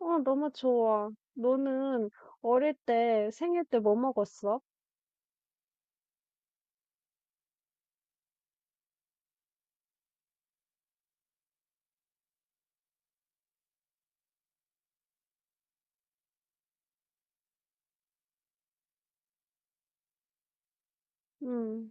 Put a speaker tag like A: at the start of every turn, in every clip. A: 너무 좋아. 너는 어릴 때 생일 때 뭐 먹었어? 음.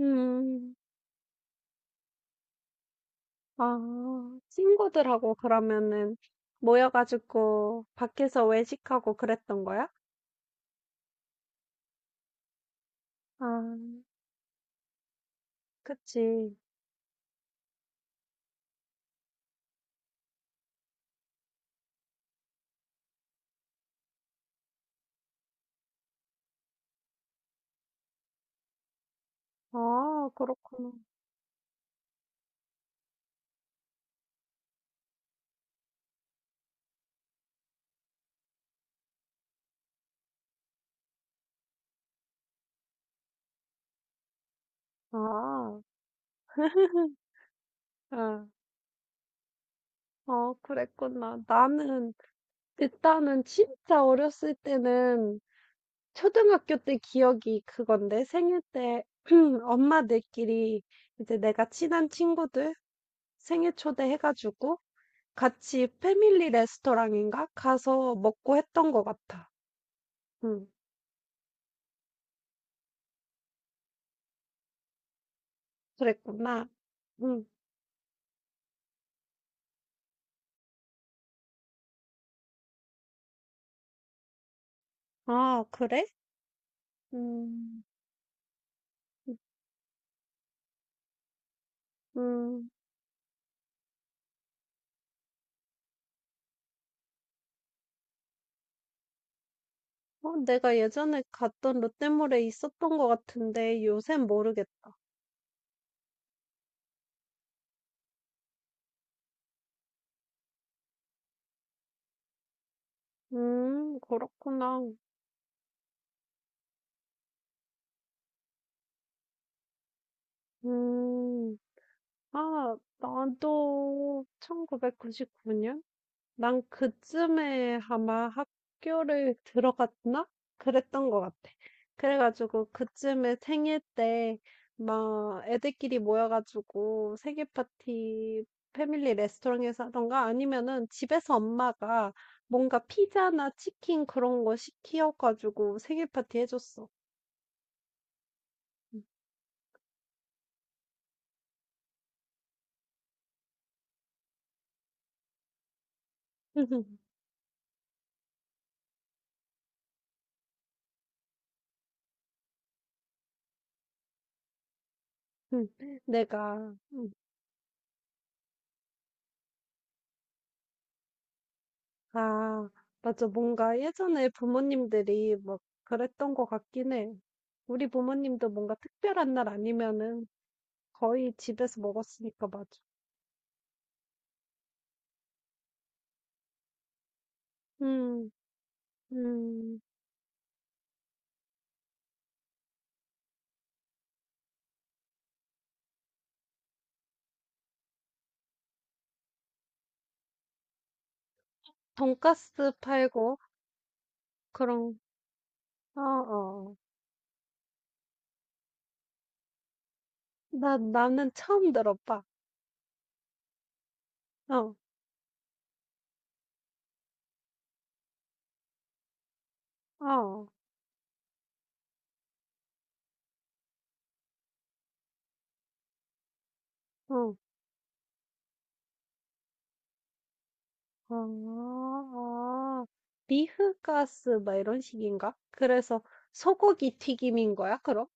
A: 음. 아, 친구들하고 그러면은 모여가지고 밖에서 외식하고 그랬던 거야? 아, 그치. 아, 그렇구나. 아. 아. 그랬구나. 나는 일단은 진짜 어렸을 때는 초등학교 때 기억이 그건데 생일 때 엄마들끼리 이제 내가 친한 친구들 생일 초대해 가지고 같이 패밀리 레스토랑인가 가서 먹고 했던 것 같아. 응. 그랬구나. 응. 아, 그래? 음. 음. 내가 예전에 갔던 롯데몰에 있었던 것 같은데 요샌 모르겠다. 그렇구나. 음. 아, 나도 1999년? 난 그쯤에 아마 학교를 들어갔나? 그랬던 것 같아. 그래가지고 그쯤에 생일 때 막 애들끼리 모여가지고 생일 파티 패밀리 레스토랑에서 하던가 아니면은 집에서 엄마가 뭔가 피자나 치킨 그런 거 시켜가지고 생일 파티 해줬어. 내가. 음. 아, 맞아. 뭔가 예전에 부모님들이 막 그랬던 것 같긴 해. 우리 부모님도 뭔가 특별한 날 아니면은 거의 집에서 먹었으니까 맞아. 음. 음. 돈가스 팔고 그런, 어. 나는 처음 들어봐. 어, 어, 어, 어. 리흐가스, 막 이런 식인가? 그래서 소고기 튀김인 거야, 그럼?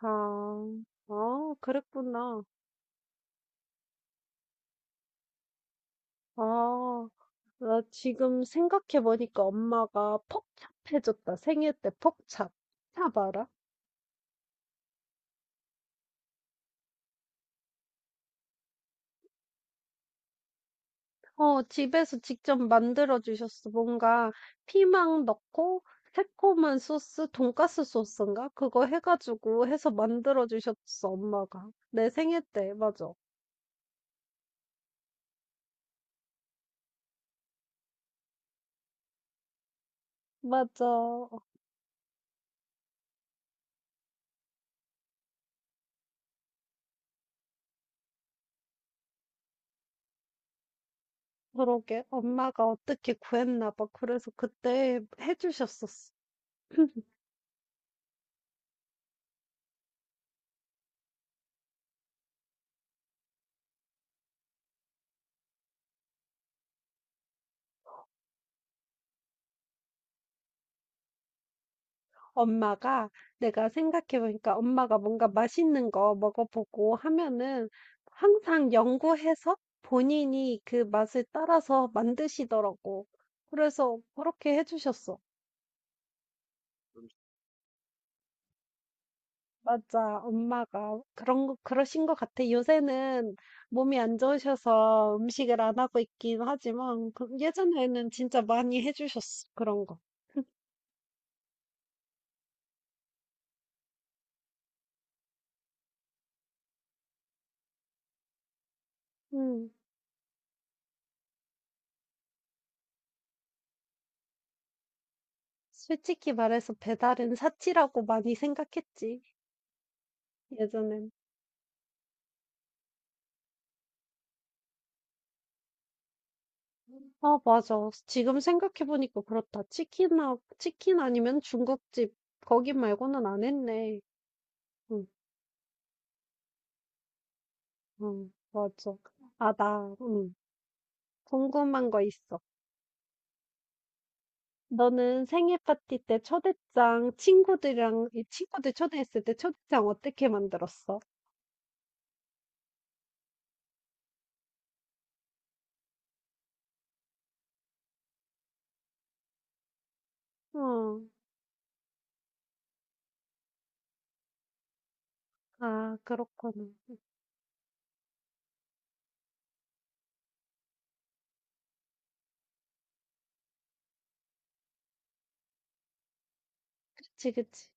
A: 아. 그랬구나. 아, 나 지금 생각해 보니까 엄마가 퍽찹 해줬다. 생일 때 퍽찹. 찹 알아? 어, 집에서 직접 만들어 주셨어. 뭔가 피망 넣고 새콤한 소스, 돈가스 소스인가? 그거 해가지고 해서 만들어 주셨어, 엄마가. 내 생일 때, 맞아. 맞아. 그러게. 엄마가 어떻게 구했나 봐. 그래서 그때 해주셨었어. 엄마가 내가 생각해보니까 엄마가 뭔가 맛있는 거 먹어보고 하면은 항상 연구해서 본인이 그 맛을 따라서 만드시더라고. 그래서 그렇게 해주셨어. 맞아, 엄마가 그런 거, 그러신 것 같아. 요새는 몸이 안 좋으셔서 음식을 안 하고 있긴 하지만 예전에는 진짜 많이 해주셨어. 그런 거. 음. 솔직히 말해서 배달은 사치라고 많이 생각했지, 예전에는. 아, 맞아. 지금 생각해보니까 그렇다. 치킨 아니면 중국집, 거기 말고는 안 했네. 응. 응, 맞아. 응, 궁금한 거 있어. 너는 생일 파티 때 초대장, 이 친구들 초대했을 때 초대장 어떻게 만들었어? 어. 아, 그렇구나. 그치, 그치.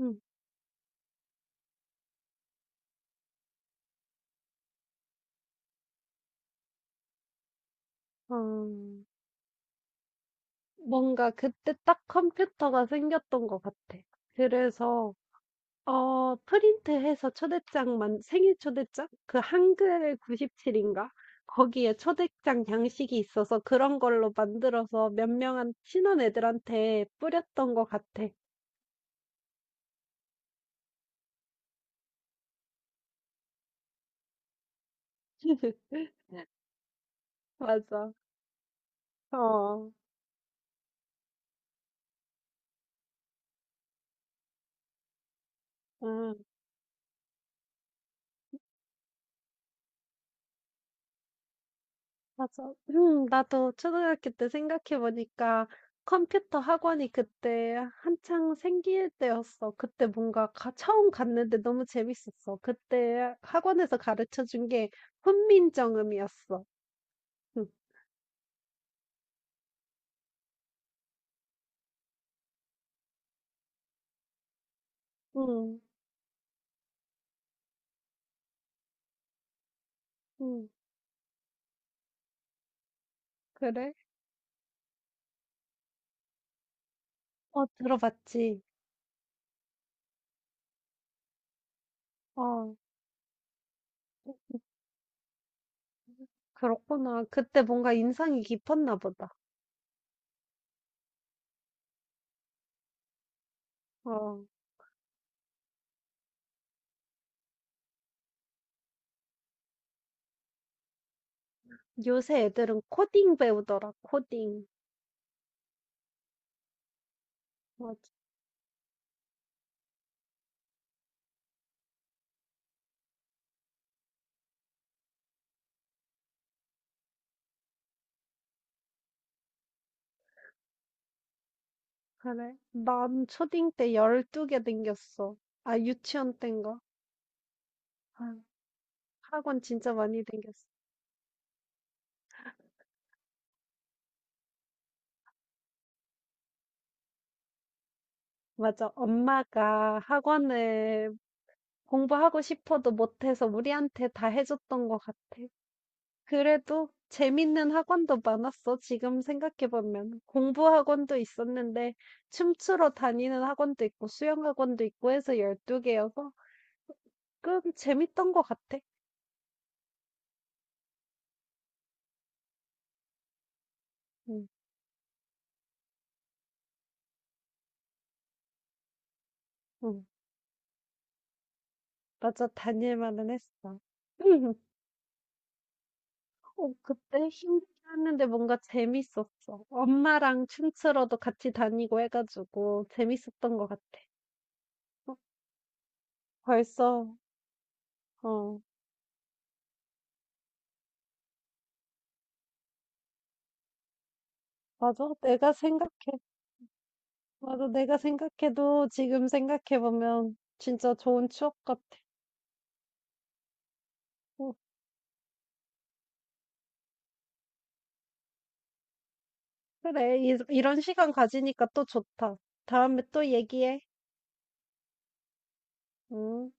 A: 응. 어, 뭔가 그때 딱 컴퓨터가 생겼던 것 같아. 그래서, 어 프린트해서 초대장만 생일 초대장? 그 한글 97 인가? 거기에 초대장 양식이 있어서 그런 걸로 만들어서 몇 명한 친한 애들한테 뿌렸던 것 같아. 맞아. 어. 음. 맞아. 음, 나도 초등학교 때 생각해 보니까 컴퓨터 학원이 그때 한창 생길 때였어. 그때 처음 갔는데 너무 재밌었어. 그때 학원에서 가르쳐 준 게 훈민정음이었어. 응. 응. 응. 그래? 어, 들어봤지. 어, 그렇구나. 그때 뭔가 인상이 깊었나 보다. 어, 요새 애들은 코딩 배우더라, 코딩. 그래? 난 초딩 때 12개 댕겼어. 아, 유치원 땐가? 아, 학원 진짜 많이 댕겼어. 맞아. 엄마가 학원을 공부하고 싶어도 못해서 우리한테 다 해줬던 것 같아. 그래도 재밌는 학원도 많았어. 지금 생각해보면. 공부 학원도 있었는데, 춤추러 다니는 학원도 있고, 수영 학원도 있고 해서 12개여서, 꽤 재밌던 것 같아. 응. 응. 맞아. 다닐 만은 했어. 어 그때 힘들긴 했는데 뭔가 재밌었어. 엄마랑 춤추러도 같이 다니고 해 가지고 재밌었던 것 같아. 어. 벌써. 어 맞아. 내가 생각해 맞아. 내가 생각해도 지금 생각해 보면 진짜 좋은 추억 같아. 어, 그래. 이런 시간 가지니까 또 좋다. 다음에 또 얘기해. 응.